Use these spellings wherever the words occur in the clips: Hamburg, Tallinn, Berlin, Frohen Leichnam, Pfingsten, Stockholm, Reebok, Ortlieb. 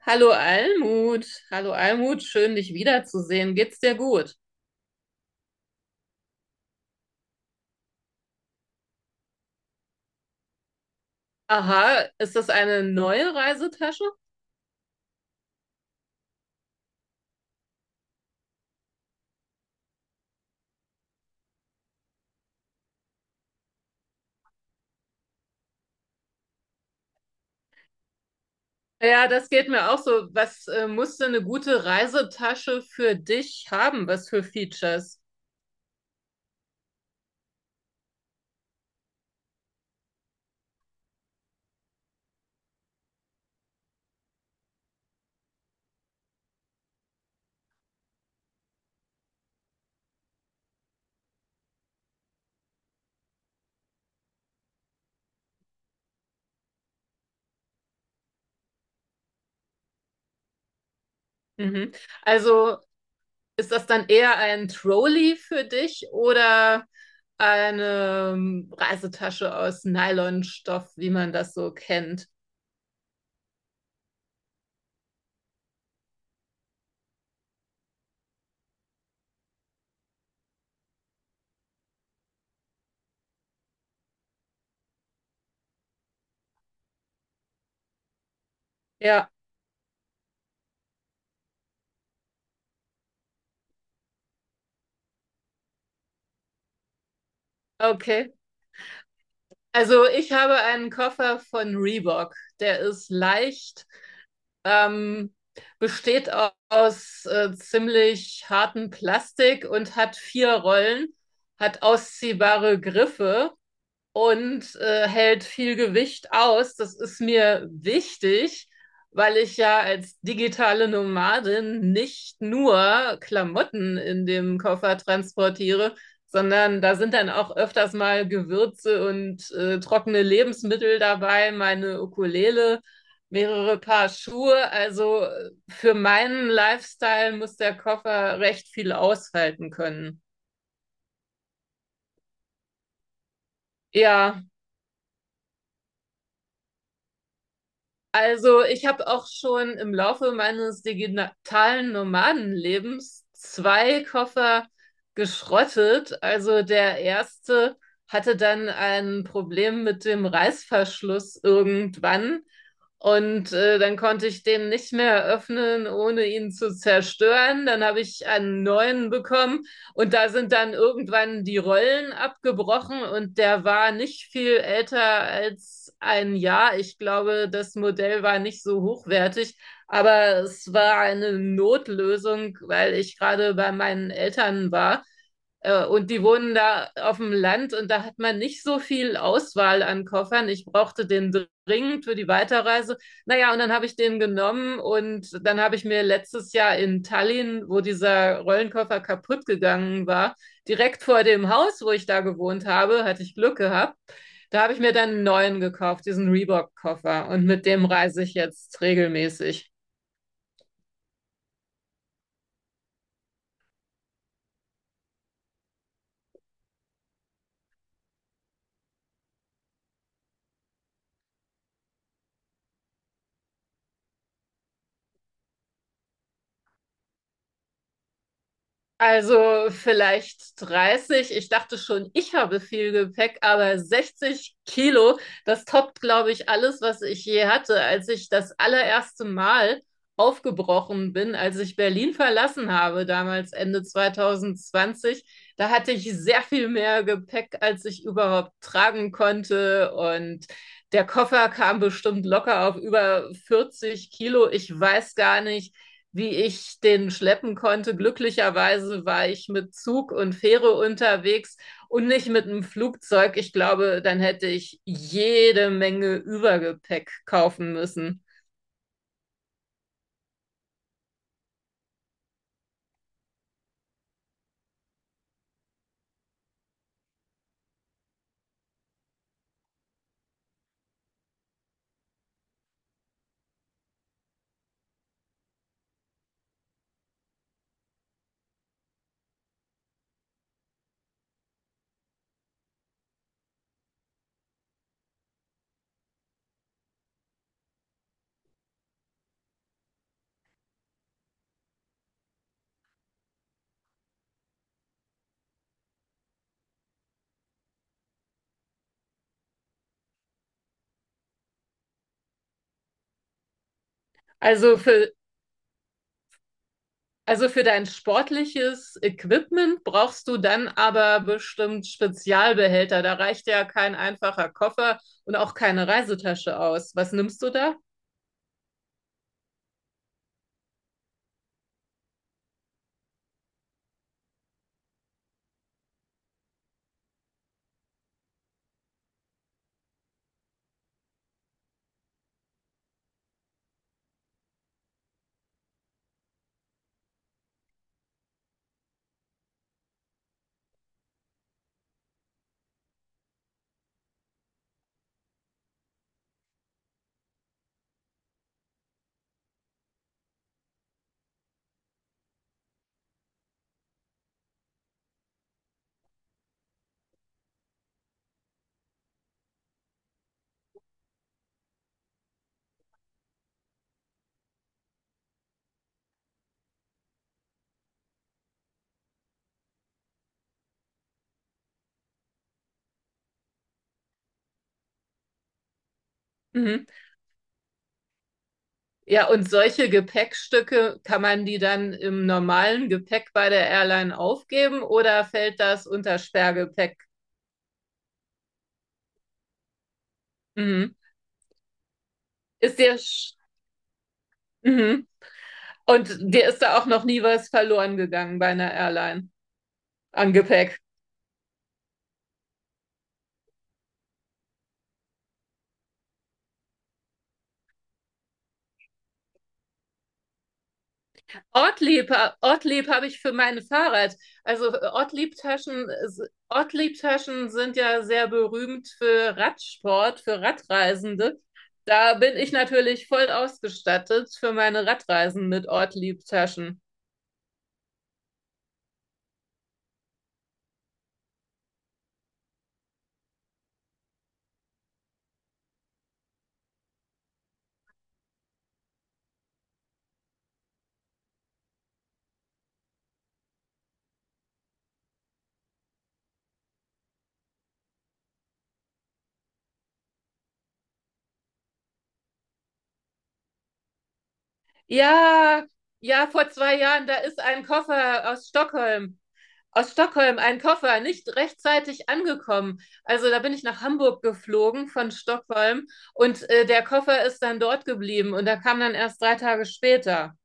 Hallo Almut, schön dich wiederzusehen. Geht's dir gut? Aha, ist das eine neue Reisetasche? Ja, das geht mir auch so. Was musst du eine gute Reisetasche für dich haben? Was für Features? Mhm. Also ist das dann eher ein Trolley für dich oder eine Reisetasche aus Nylonstoff, wie man das so kennt? Ja, okay. Also ich habe einen Koffer von Reebok. Der ist leicht. Ähm, besteht aus ziemlich hartem Plastik und hat vier Rollen, hat ausziehbare Griffe und hält viel Gewicht aus. Das ist mir wichtig, weil ich ja als digitale Nomadin nicht nur Klamotten in dem Koffer transportiere, sondern da sind dann auch öfters mal Gewürze und trockene Lebensmittel dabei, meine Ukulele, mehrere Paar Schuhe. Also für meinen Lifestyle muss der Koffer recht viel aushalten können. Ja, also ich habe auch schon im Laufe meines digitalen Nomadenlebens zwei Koffer geschrottet. Also der erste hatte dann ein Problem mit dem Reißverschluss irgendwann und dann konnte ich den nicht mehr öffnen, ohne ihn zu zerstören. Dann habe ich einen neuen bekommen. Und da sind dann irgendwann die Rollen abgebrochen und der war nicht viel älter als ein Jahr. Ich glaube, das Modell war nicht so hochwertig, aber es war eine Notlösung, weil ich gerade bei meinen Eltern war, und die wohnen da auf dem Land und da hat man nicht so viel Auswahl an Koffern. Ich brauchte den dringend für die Weiterreise. Naja, und dann habe ich den genommen und dann habe ich mir letztes Jahr in Tallinn, wo dieser Rollenkoffer kaputt gegangen war, direkt vor dem Haus, wo ich da gewohnt habe, hatte ich Glück gehabt. Da habe ich mir dann einen neuen gekauft, diesen Reebok-Koffer. Und mit dem reise ich jetzt regelmäßig. Also vielleicht 30. Ich dachte schon, ich habe viel Gepäck, aber 60 Kilo, das toppt, glaube ich, alles, was ich je hatte, als ich das allererste Mal aufgebrochen bin, als ich Berlin verlassen habe, damals Ende 2020. Da hatte ich sehr viel mehr Gepäck, als ich überhaupt tragen konnte. Und der Koffer kam bestimmt locker auf über 40 Kilo. Ich weiß gar nicht, wie ich den schleppen konnte. Glücklicherweise war ich mit Zug und Fähre unterwegs und nicht mit einem Flugzeug. Ich glaube, dann hätte ich jede Menge Übergepäck kaufen müssen. Also für, also für dein sportliches Equipment brauchst du dann aber bestimmt Spezialbehälter. Da reicht ja kein einfacher Koffer und auch keine Reisetasche aus. Was nimmst du da? Mhm. Ja, und solche Gepäckstücke, kann man die dann im normalen Gepäck bei der Airline aufgeben oder fällt das unter Sperrgepäck? Mhm. Ist dir, sch- mhm. Und dir ist da auch noch nie was verloren gegangen bei einer Airline an Gepäck? Ortlieb, Ortlieb habe ich für mein Fahrrad. Also Ortlieb-Taschen, Ortlieb-Taschen sind ja sehr berühmt für Radsport, für Radreisende. Da bin ich natürlich voll ausgestattet für meine Radreisen mit Ortlieb-Taschen. Ja, ja, vor zwei Jahren, da ist ein Koffer aus Stockholm, ein Koffer, nicht rechtzeitig angekommen. Also da bin ich nach Hamburg geflogen von Stockholm und der Koffer ist dann dort geblieben und da kam dann erst drei Tage später.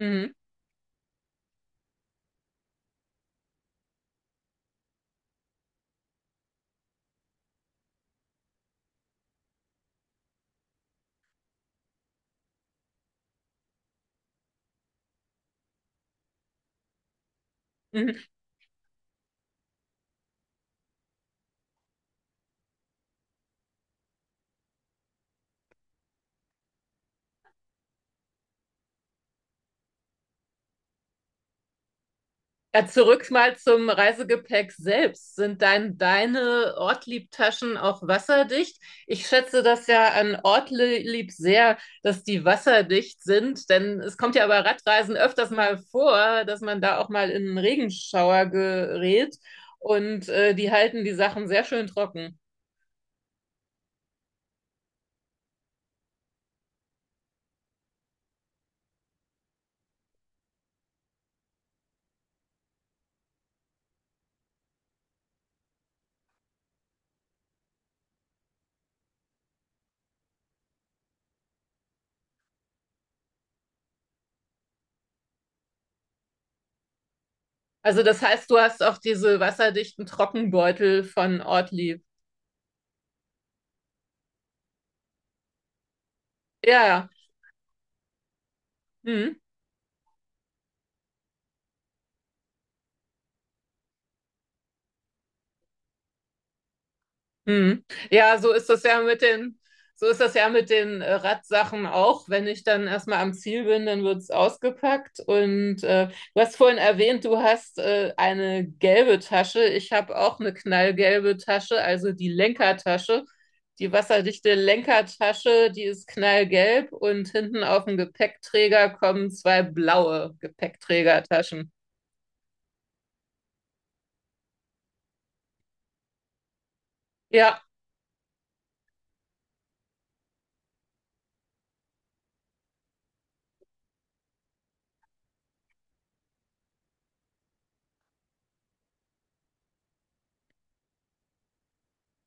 Mhm. Mhm. Ja, zurück mal zum Reisegepäck selbst. Deine Ortlieb-Taschen auch wasserdicht? Ich schätze das ja an Ortlieb sehr, dass die wasserdicht sind, denn es kommt ja bei Radreisen öfters mal vor, dass man da auch mal in einen Regenschauer gerät und die halten die Sachen sehr schön trocken. Also das heißt, du hast auch diese wasserdichten Trockenbeutel von Ortlieb. Ja, ja. Mhm. Mhm. Ja, so ist das ja mit den, so ist das ja mit den Radsachen auch. Wenn ich dann erstmal am Ziel bin, dann wird's ausgepackt. Und du hast vorhin erwähnt, du hast eine gelbe Tasche. Ich habe auch eine knallgelbe Tasche, also die Lenkertasche. Die wasserdichte Lenkertasche, die ist knallgelb und hinten auf dem Gepäckträger kommen zwei blaue Gepäckträgertaschen. Ja.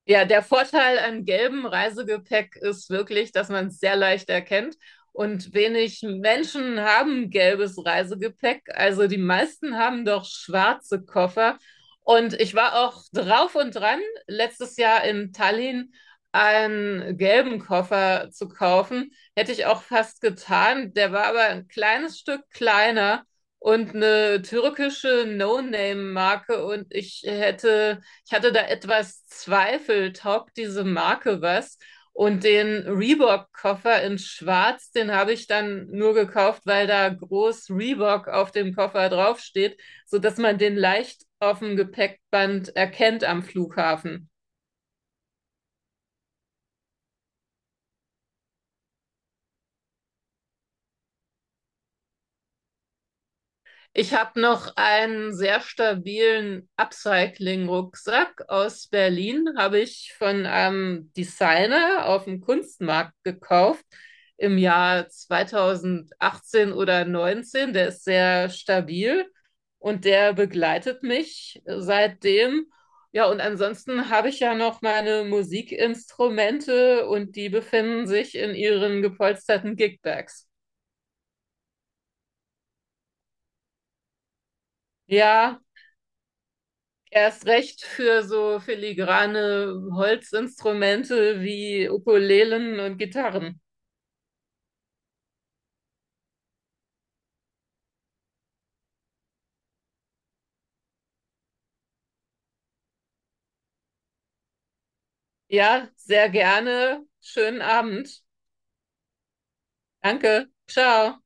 Ja, der Vorteil an gelbem Reisegepäck ist wirklich, dass man es sehr leicht erkennt. Und wenig Menschen haben gelbes Reisegepäck. Also die meisten haben doch schwarze Koffer. Und ich war auch drauf und dran, letztes Jahr in Tallinn einen gelben Koffer zu kaufen. Hätte ich auch fast getan. Der war aber ein kleines Stück kleiner und eine türkische No-Name-Marke. Und ich hatte da etwas Zweifel, taugt diese Marke was? Und den Reebok-Koffer in Schwarz, den habe ich dann nur gekauft, weil da groß Reebok auf dem Koffer draufsteht, sodass man den leicht auf dem Gepäckband erkennt am Flughafen. Ich habe noch einen sehr stabilen Upcycling-Rucksack aus Berlin, habe ich von einem Designer auf dem Kunstmarkt gekauft im Jahr 2018 oder 19. Der ist sehr stabil und der begleitet mich seitdem. Ja, und ansonsten habe ich ja noch meine Musikinstrumente und die befinden sich in ihren gepolsterten Gigbags. Ja, erst recht für so filigrane Holzinstrumente wie Ukulelen und Gitarren. Ja, sehr gerne. Schönen Abend. Danke. Ciao.